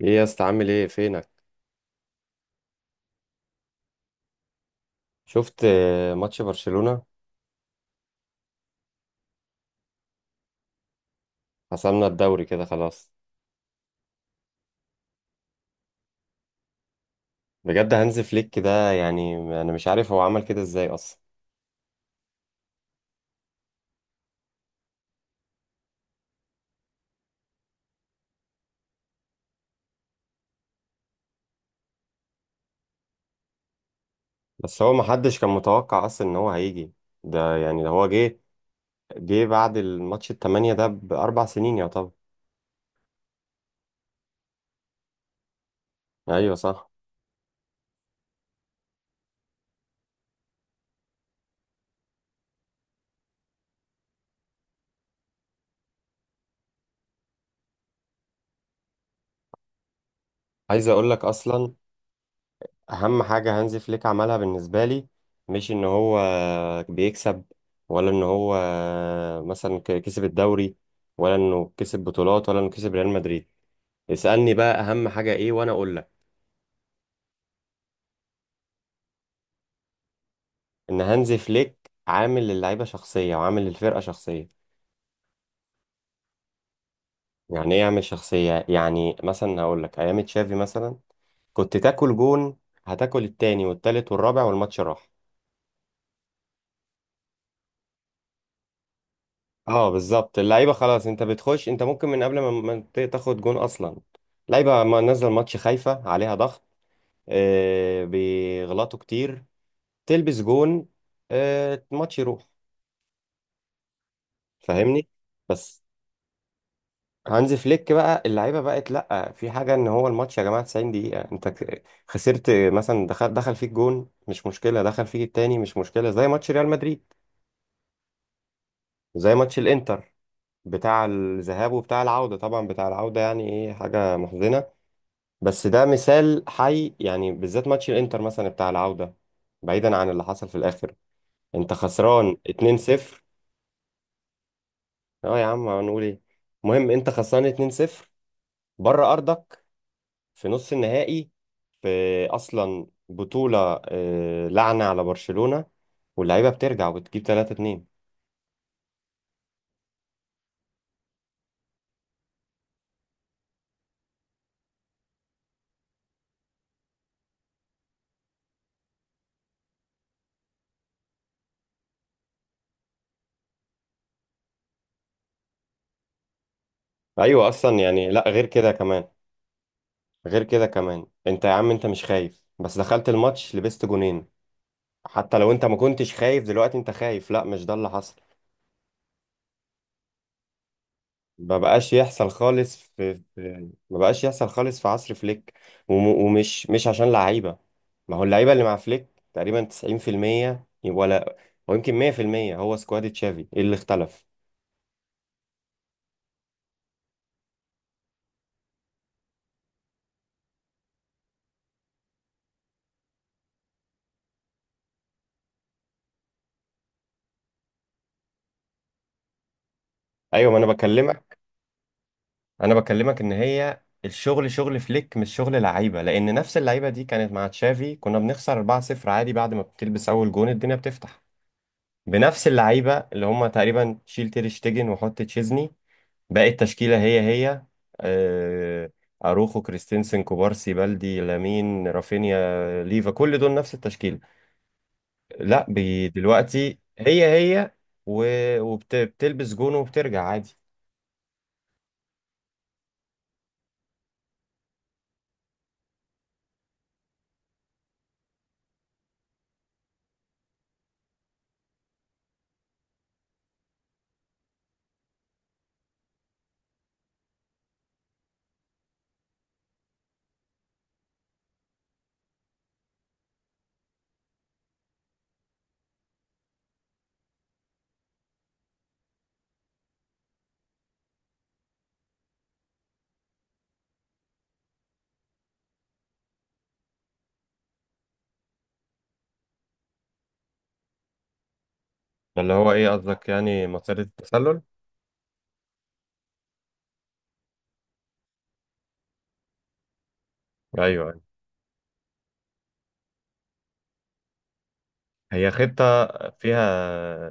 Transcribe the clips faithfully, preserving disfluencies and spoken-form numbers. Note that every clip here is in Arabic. ايه يا اسطى، عامل ايه؟ فينك؟ شفت آه، ماتش برشلونة؟ حسمنا الدوري كده خلاص. بجد؟ هانز فليك ده، يعني انا مش عارف هو عمل كده ازاي اصلا. بس هو محدش كان متوقع اصلا ان هو هيجي. ده يعني ده هو جه جه بعد الماتش التمانية ده باربع سنين يا طب. ايوه صح. عايز اقول لك اصلا اهم حاجه هانز فليك عملها بالنسبه لي، مش ان هو بيكسب، ولا ان هو مثلا ك- كسب الدوري، ولا انه كسب بطولات، ولا انه كسب ريال مدريد. اسالني بقى، اهم حاجه ايه وانا اقول لك. ان هانز فليك عامل للعيبه شخصيه وعامل للفرقه شخصيه. يعني ايه يعمل شخصيه؟ يعني مثلا هقول لك ايام تشافي مثلا، كنت تاكل جون، هتاكل التاني والتالت والرابع والماتش راح. اه بالظبط، اللعيبه خلاص، انت بتخش، انت ممكن من قبل ما ما ت- تاخد جون اصلا. لعيبه ما نزل ماتش خايفه عليها ضغط، آه بيغلطوا كتير، تلبس جون، آه الماتش يروح، فاهمني؟ بس هانز فليك بقى، اللعيبه بقت لا في حاجه، ان هو الماتش يا جماعه تسعين دقيقه، انت ك- خسرت مثلا، دخل دخل فيك جون مش مشكله، دخل فيك التاني مش مشكله، زي ماتش ريال مدريد، زي ماتش الانتر بتاع الذهاب وبتاع العوده، طبعا بتاع العوده يعني ايه، حاجه محزنه. بس ده مثال حي يعني، بالذات ماتش الانتر مثلا بتاع العودة. بعيدا عن اللي حصل في الاخر، انت خسران اتنين صفر. اه يا عم هنقول ايه؟ المهم انت خسران اتنين صفر بره ارضك في نص النهائي، في اصلا بطولة، آه، لعنة على برشلونة، واللعيبة بترجع وبتجيب ثلاثة اثنين. ايوه اصلا يعني، لا غير كده كمان، غير كده كمان، انت يا عم انت مش خايف، بس دخلت الماتش لبست جونين. حتى لو انت ما كنتش خايف دلوقتي انت خايف، لا مش ده اللي حصل. ما بقاش يحصل خالص في, في ما بقاش يحصل خالص في عصر فليك. وم... ومش مش عشان لعيبة. ما هو اللعيبة اللي مع فليك تقريبا تسعين في المية ولا ويمكن مية في المية، هو سكواد تشافي، ايه اللي اختلف؟ ايوه، ما انا بكلمك، انا بكلمك ان هي الشغل شغل فليك مش شغل لعيبة، لان نفس اللعيبة دي كانت مع تشافي كنا بنخسر اربعه صفر عادي، بعد ما بتلبس اول جون الدنيا بتفتح. بنفس اللعيبة، اللي هم تقريبا شيل تير شتيجن وحط تشيزني، باقي التشكيلة هي هي. آه، أروخو، كريستينسن، كوبارسي، بالدي، لامين، رافينيا، ليفا، كل دول نفس التشكيلة. لا بي دلوقتي هي هي، وبتلبس جون وبترجع عادي. ده اللي هو ايه قصدك؟ يعني مسيرة التسلل؟ ايوه، هي خطة فيها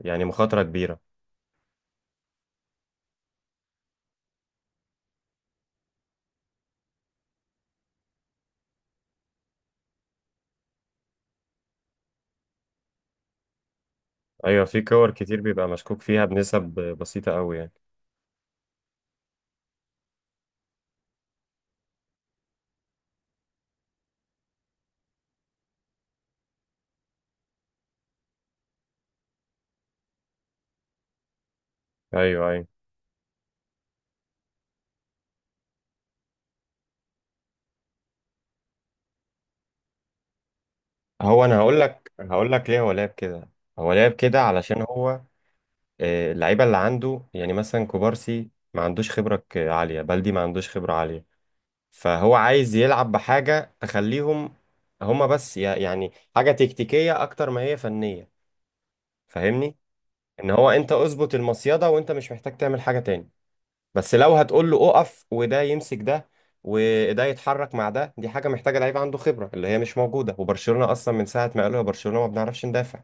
يعني مخاطرة كبيرة. ايوه، في كور كتير بيبقى مشكوك فيها بنسب بسيطة قوي يعني. ايوه ايوه. هو انا هقول لك هقول لك ليه هو لعب كده. هو لعب كده علشان هو، آه، اللعيبه اللي عنده، يعني مثلا كوبارسي ما عندوش خبره ك- عاليه، بلدي ما عندوش خبره عاليه. فهو عايز يلعب بحاجه تخليهم، هما بس ي- يعني حاجه تكتيكيه اكتر ما هي فنيه، فاهمني؟ ان هو انت اظبط المصيده وانت مش محتاج تعمل حاجه تاني، بس لو هتقول له اقف وده يمسك ده وده يتحرك مع ده، دي حاجه محتاجه لعيب عنده خبره اللي هي مش موجوده، وبرشلونه اصلا من ساعه ما قالوا يا برشلونه ما بنعرفش ندافع.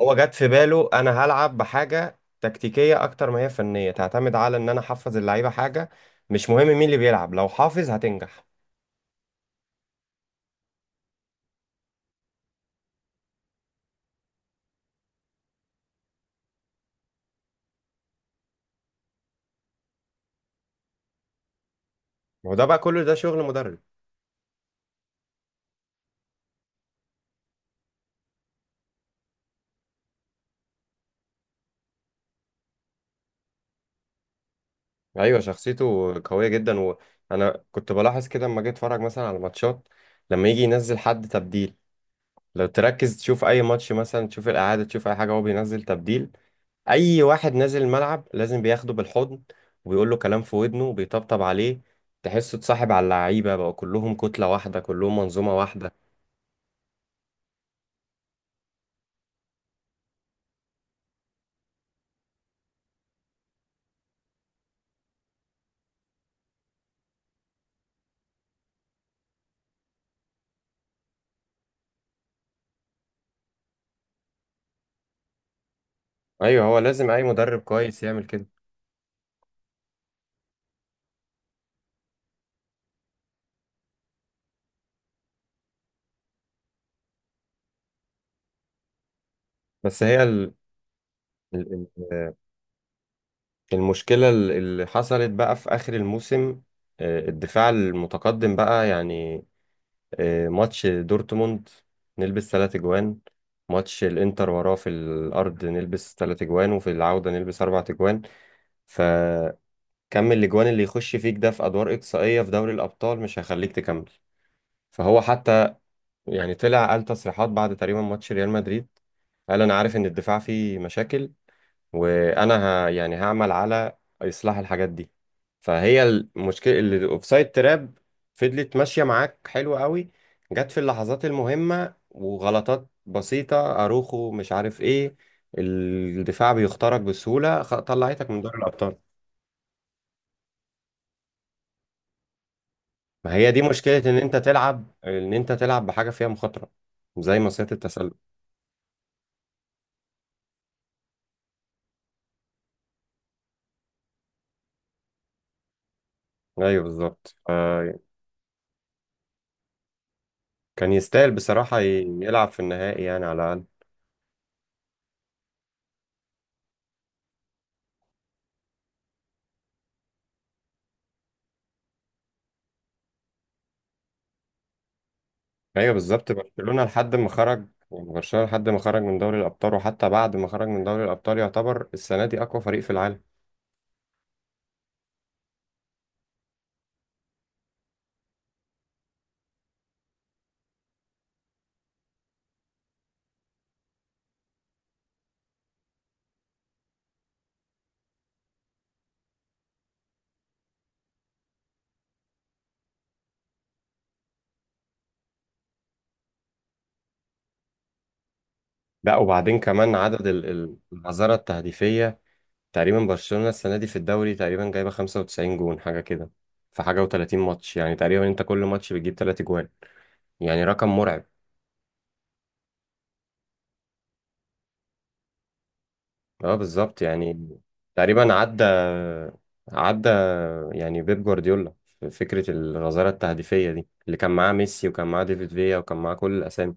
هو جت في باله انا هلعب بحاجه تكتيكيه اكتر ما هي فنيه، تعتمد على ان انا احفظ اللعيبه حاجه. مش مهم مين اللي بيلعب، لو حافظ هتنجح. ما هو ده بقى كله، ده شغل مدرب. ايوه، شخصيته قويه جدا، وانا كنت بلاحظ كده لما جيت اتفرج مثلا على ماتشات. لما يجي ينزل حد تبديل، لو تركز تشوف اي ماتش مثلا، تشوف الاعاده، تشوف اي حاجه هو بينزل تبديل، اي واحد نازل الملعب لازم بياخده بالحضن وبيقول له كلام في ودنه وبيطبطب عليه. تحسه اتصاحب على اللعيبه، بقوا كلهم كتله واحده، كلهم منظومه واحده. ايوه، هو لازم اي مدرب كويس يعمل كده. بس هي ال- ال- ال- المشكله ال- اللي حصلت بقى في اخر الموسم، آه، الدفاع المتقدم بقى يعني، آه، ماتش دورتموند نلبس ثلاث اجوان، ماتش الانتر وراه في الارض نلبس ثلاث اجوان، وفي العوده نلبس اربع اجوان. ف كم الاجوان اللي يخش فيك ده في ادوار اقصائيه في دوري الابطال مش هيخليك تكمل. فهو حتى يعني طلع قال تصريحات بعد تقريبا ماتش ريال مدريد، قال انا عارف ان الدفاع فيه مشاكل، وانا ه... يعني هعمل على اصلاح الحاجات دي. فهي المشكله، اللي الاوفسايد تراب فضلت ماشيه معاك حلو قوي، جت في اللحظات المهمه وغلطات بسيطه، اروخو مش عارف ايه، الدفاع بيخترق بسهوله، خ- طلعتك من دوري الابطال. ما هي دي مشكلة ان انت تلعب ان انت تلعب بحاجة فيها مخاطرة زي مصيدة التسلل. ايوه بالظبط. آه، كان يستاهل بصراحة ي- يلعب في النهائي يعني على الاقل. ايوه بالظبط، برشلونة لحد ما خرج، يعني برشلونة لحد ما خرج من دوري الابطال، وحتى بعد ما خرج من دوري الابطال يعتبر السنة دي اقوى فريق في العالم. لا، وبعدين كمان عدد ال- ال- العذارة التهديفية. تقريبا برشلونة السنة دي في الدوري تقريبا جايبة خمسة وتسعين جون حاجة كده، في حاجة وتلاتين ماتش، يعني تقريبا انت كل ماتش بتجيب تلاته جوان، يعني رقم مرعب. اه بالظبط يعني. تقريبا عدى عدى يعني بيب جوارديولا في فكرة الغزارة التهديفية دي، اللي كان معاه ميسي وكان معاه ديفيد فيا وكان معاه كل الأسامي.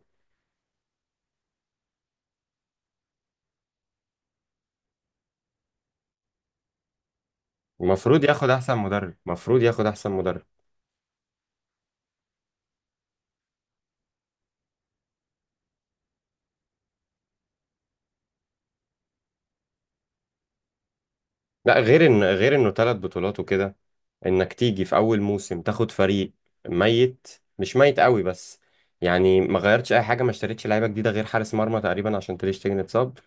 المفروض ياخد أحسن مدرب، المفروض ياخد أحسن مدرب. لا، غير ان، غير انه ثلاث بطولات وكده، انك تيجي في اول موسم تاخد فريق ميت، مش ميت قوي بس يعني، ما غيرتش اي حاجه، ما اشتريتش لعيبه جديده غير حارس مرمى تقريبا عشان تريشتجن اتصاب،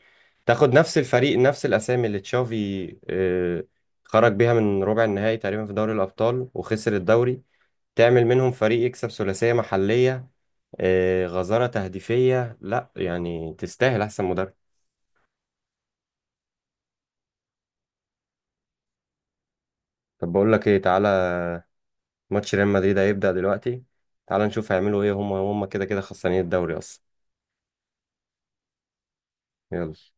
تاخد نفس الفريق نفس الاسامي اللي تشافي آه، خرج بيها من ربع النهائي تقريبا في دوري الابطال وخسر الدوري، تعمل منهم فريق يكسب ثلاثيه محليه، آه، غزاره تهديفيه، لا يعني تستاهل احسن مدرب. طب بقول لك ايه، تعالى ماتش ريال مدريد هيبدأ دلوقتي، تعال نشوف هيعملوا ايه، هم هم كده كده خسرانين الدوري اصلا. يلا.